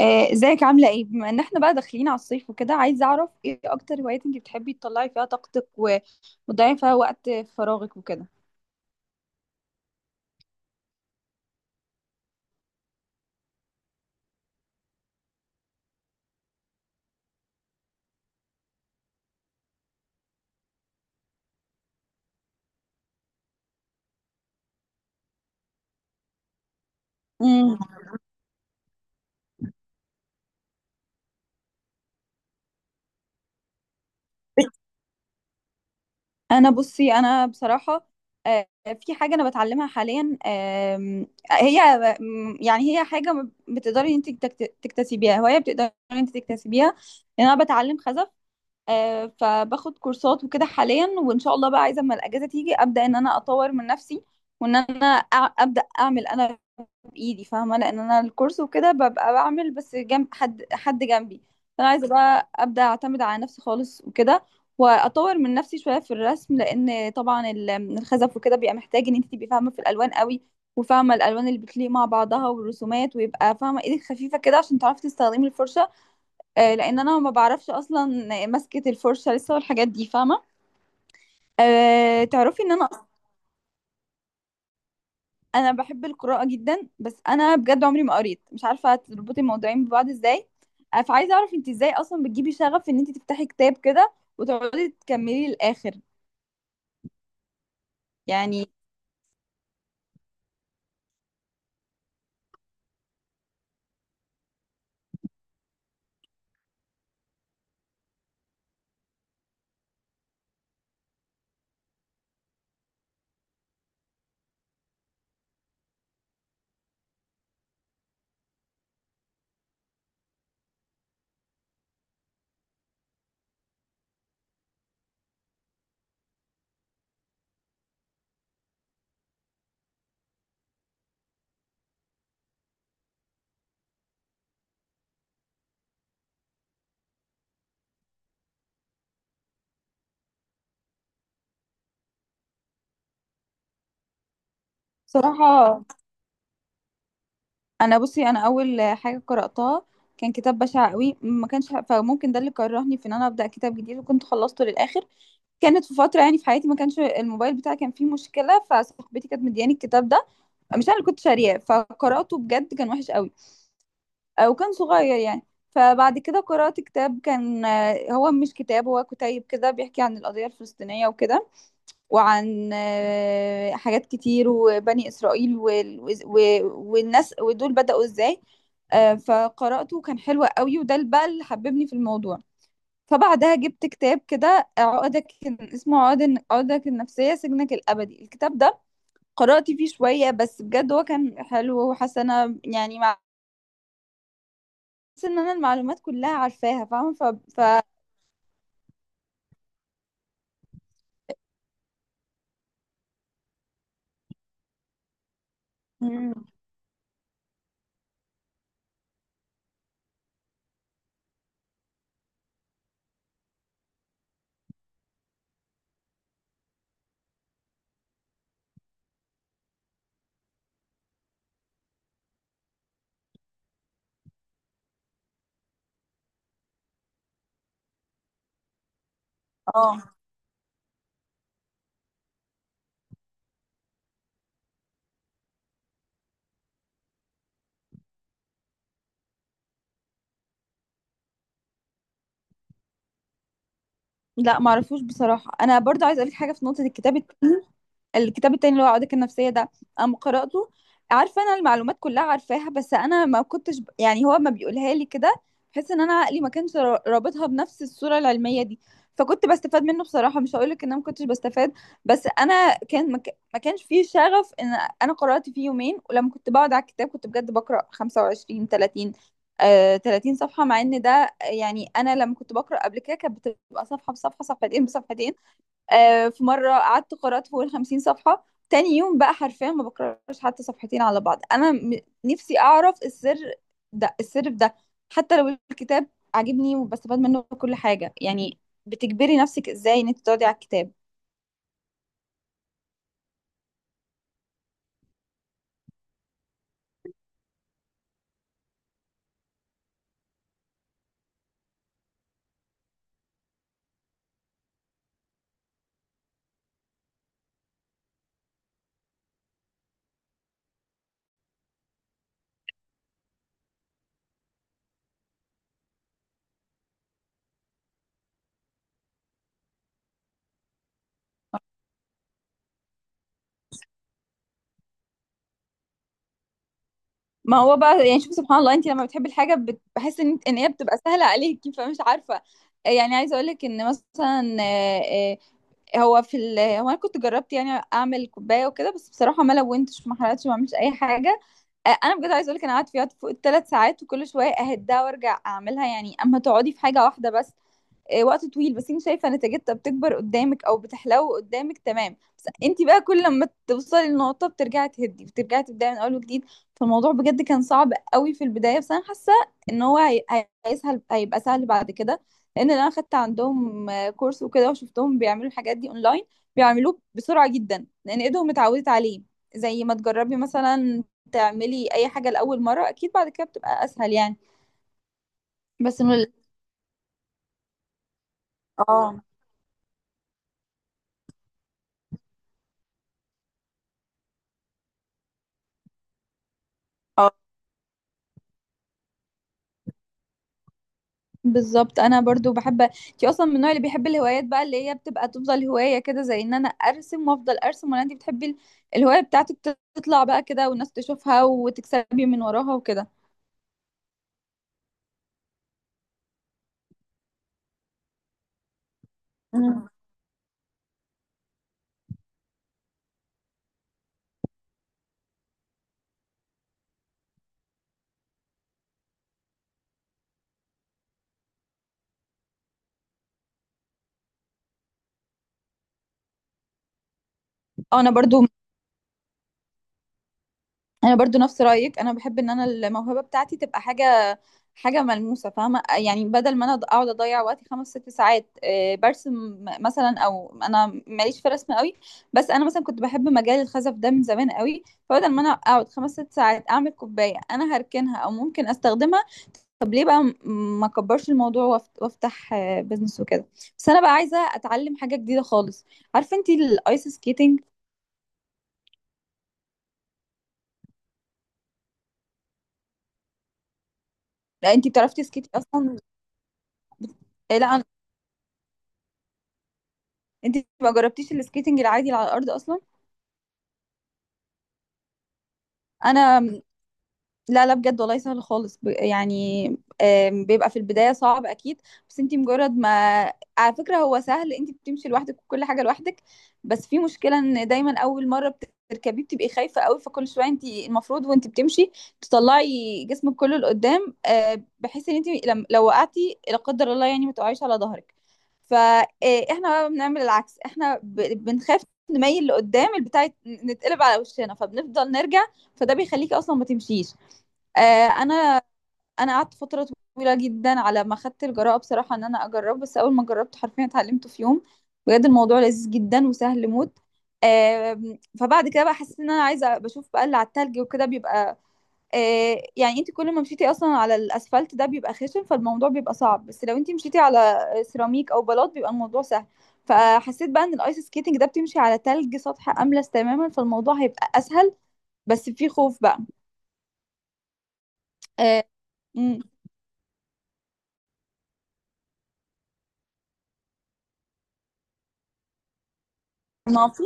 ازيك عاملة ايه؟ بما ان احنا بقى داخلين على الصيف وكده عايزة اعرف ايه اكتر هوايات انت بتحبي تطلعي فيها طاقتك وتضيعي فيها وقت فراغك وكده. امم انا بصراحة، آه، في حاجة انا بتعلمها حاليا. هي يعني هي حاجة بتقدري انت تكتسبيها، هواية بتقدري انت تكتسبيها، لان انا بتعلم خزف. فباخد كورسات وكده حاليا، وان شاء الله بقى عايزة اما الاجازة تيجي ابدأ ان انا اطور من نفسي، وان انا ابدا اعمل انا بايدي، فاهمه. لان انا الكورس وكده ببقى بعمل بس جنب حد جنبي. فانا عايزه بقى ابدا اعتمد على نفسي خالص وكده، واطور من نفسي شويه في الرسم، لان طبعا الخزف وكده بيبقى محتاج ان انت تبقي فاهمه في الالوان قوي، وفاهمه الالوان اللي بتليق مع بعضها والرسومات، ويبقى فاهمه ايدك خفيفه كده عشان تعرفي تستخدمي الفرشه. لان انا ما بعرفش اصلا مسكه الفرشه لسه والحاجات دي، فاهمه. تعرفي ان انا، انا بحب القراءة جدا، بس انا بجد عمري ما قريت، مش عارفة تربطي الموضوعين ببعض ازاي. أنا فعايزة اعرف انت ازاي اصلا بتجيبي شغف ان انت تفتحي كتاب كده وتقعدي تكملي للاخر، يعني. بصراحة انا اول حاجة قرأتها كان كتاب بشع قوي، ما كانش، فممكن ده اللي كرهني في ان انا ابدا كتاب جديد، وكنت خلصته للاخر. كانت في فتره يعني في حياتي ما كانش الموبايل بتاعي، كان فيه مشكله، فصاحبتي كانت مدياني الكتاب ده، مش انا اللي كنت شارياه، فقراته بجد كان وحش قوي. وكان صغير يعني. فبعد كده قرأت كتاب كان، هو مش كتاب هو كتيب كده، بيحكي عن القضية الفلسطينية وكده، وعن حاجات كتير، وبني إسرائيل والناس ودول بدأوا إزاي. فقرأته وكان حلو قوي، وده اللي بقى اللي حببني في الموضوع. فبعدها جبت كتاب كده عقدك، اسمه عقدك النفسية سجنك الأبدي، الكتاب ده قرأت فيه شوية، بس بجد هو كان حلو وحسنة يعني، بس ان انا المعلومات كلها عارفاها، فاهمه، ف ف مم. اه، لا معرفوش بصراحه. انا برضو عايزه اقولك حاجه في نقطه الكتاب التاني. الكتاب التاني اللي هو عقدك النفسية ده، قام قرأته عارفة أنا المعلومات كلها عارفاها، بس أنا ما كنتش يعني هو ما بيقولها لي كده بحيث إن أنا عقلي ما كانش رابطها بنفس الصورة العلمية دي، فكنت بستفاد منه بصراحة، مش هقولك إن أنا ما كنتش بستفاد، بس أنا كان ما كانش فيه شغف. إن أنا قرأت فيه يومين، ولما كنت بقعد على الكتاب كنت بجد بقرأ 25 30 30 صفحة، مع إن ده يعني أنا لما كنت بقرأ قبل كده كانت بتبقى صفحة بصفحة، صفحتين بصفحتين. في مرة قعدت قرأت فوق الخمسين صفحة، تاني يوم بقى حرفيا ما بقراش حتى صفحتين على بعض. أنا نفسي أعرف السر ده، السر في ده، حتى لو الكتاب عاجبني وبستفاد منه كل حاجة يعني، بتجبري نفسك ازاي ان انت تقعدي على الكتاب؟ ما هو بقى يعني شوفي سبحان الله، انت لما بتحبي الحاجة بحس ان ان هي بتبقى سهلة عليكي، فمش عارفة يعني. عايزة اقولك ان مثلا هو في ال هو انا كنت جربت يعني اعمل كوبايه وكده، بس بصراحه ما لونتش ما حرقتش ما عملتش اي حاجه. انا بجد عايزه اقول لك، انا قعدت فيها فوق الثلاث ساعات، وكل شويه اهدها وارجع اعملها، يعني اما تقعدي في حاجه واحده بس وقت طويل، بس انت شايفه نتيجتها بتكبر قدامك او بتحلو قدامك، تمام، بس انت بقى كل لما توصلي للنقطه بترجعي تهدي، بترجعي تبداي من اول وجديد. فالموضوع بجد كان صعب قوي في البدايه، بس انا حاسه ان هو هي- هي- هيسهل هيبقى سهل بعد كده، لان انا خدت عندهم كورس وكده، وشفتهم بيعملوا الحاجات دي اونلاين، بيعملوه بسرعه جدا لان ايدهم اتعودت عليه. زي ما تجربي مثلا تعملي اي حاجه لاول مره، اكيد بعد كده بتبقى اسهل يعني. بس انه، اه، اه، بالظبط. انا برضو بحب، انتي اصلا من النوع اللي بيحب الهوايات بقى، اللي هي بتبقى تفضل هوايه كده زي ان انا ارسم وافضل ارسم، ولا انتي بتحبي الهوايه بتاعتك تطلع بقى كده والناس تشوفها وتكسبي من وراها وكده؟ مم. انا برضو انا برضو نفس رايك، انا بحب ان انا الموهبه بتاعتي تبقى حاجه، حاجه ملموسه، فاهمه يعني، بدل ما انا اقعد اضيع وقتي خمس ست ساعات برسم مثلا، او انا ماليش في الرسم قوي، بس انا مثلا كنت بحب مجال الخزف ده من زمان قوي، فبدل ما انا اقعد خمس ست ساعات اعمل كوبايه انا هركنها، او ممكن استخدمها. طب ليه بقى ما اكبرش الموضوع وافتح بيزنس وكده؟ بس انا بقى عايزه اتعلم حاجه جديده خالص. عارفه انتي الايس سكيتنج؟ لا انتي بتعرفي تسكيتي اصلا؟ إيه، لا. انت ما جربتيش السكيتنج العادي اللي على الارض اصلا؟ انا لا، لا بجد والله سهل خالص. يعني، بيبقى في البداية صعب أكيد، بس انتي مجرد ما، على فكرة هو سهل، انتي بتمشي لوحدك وكل حاجة لوحدك، بس في مشكلة ان دايما أول مرة بتركبي بتبقي خايفة قوي، فكل شوية انتي المفروض وانتي بتمشي تطلعي جسمك كله لقدام، بحيث ان انتي لم... لو وقعتي لا قدر الله يعني ما تقعيش على ظهرك. فاحنا بقى بنعمل العكس، احنا بنخاف نميل لقدام، البتاع نتقلب على وشنا، فبنفضل نرجع، فده بيخليكي اصلا ما تمشيش. آه، انا انا قعدت فتره طويله جدا على ما خدت الجراءه بصراحه ان انا اجرب، بس اول ما جربت حرفيا اتعلمته في يوم. بجد الموضوع لذيذ جدا وسهل موت. فبعد كده بقى حسيت ان انا عايزه، بشوف بقى اللي على التلج وكده بيبقى، يعني انت كل ما مشيتي اصلا على الاسفلت ده بيبقى خشن، فالموضوع بيبقى صعب، بس لو انت مشيتي على سيراميك او بلاط بيبقى الموضوع سهل. فحسيت بقى ان الايس سكيتنج ده بتمشي على تلج سطح املس تماما، فالموضوع هيبقى اسهل، بس في خوف بقى. آه، مم. ما في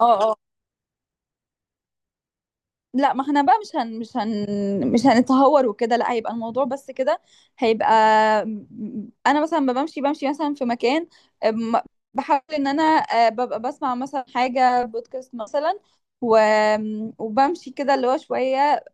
اه، اه، لا، ما احنا بقى مش هنتهور وكده، لا هيبقى الموضوع بس كده، هيبقى. انا مثلا ما بمشي، بمشي مثلا في مكان، أم- بحاول ان انا ببقى بسمع مثلا حاجة بودكاست مثلا، و... وبمشي كده اللي هو شوية،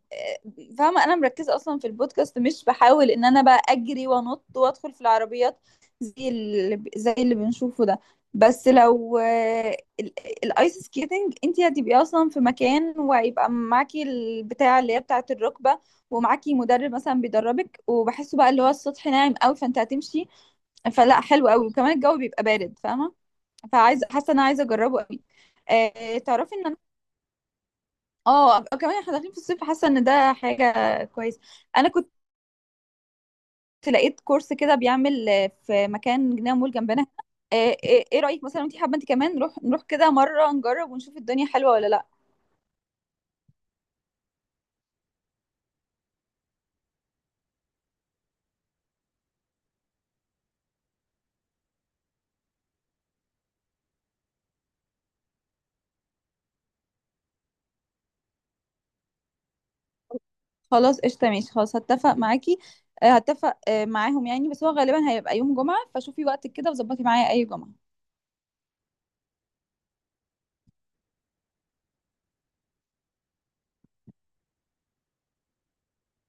فاهمة انا مركزة اصلا في البودكاست، مش بحاول ان انا بقى اجري وانط وادخل في العربيات زي اللي زي اللي بنشوفه ده. بس لو ال- الايس سكيتنج انت هتبقي اصلا في مكان، وهيبقى معاكي البتاع اللي هي بتاعه الركبه، ومعاكي مدرب مثلا بيدربك، وبحسه بقى اللي هو السطح ناعم قوي فانت هتمشي. فلا، حلو قوي، وكمان الجو بيبقى بارد فاهمه. فعايزه، حاسه ان انا عايزه اجربه قوي. تعرفي ان انا، اه، كمان احنا داخلين في الصيف، حاسه ان ده حاجه كويسه. انا كنت لقيت كورس كده بيعمل في مكان جنينه مول جنبنا. آه، آه، ايه رايك مثلا؟ انت حابه انت كمان نروح كده مره نجرب ونشوف الدنيا حلوه ولا لا؟ خلاص قشطة، ماشي، خلاص هتفق معاكي. هتفق معاهم يعني، بس هو غالبا هيبقى يوم جمعة، فشوفي وقتك كده وظبطي معايا أي جمعة.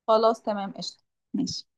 خلاص تمام قشطة، ماشي.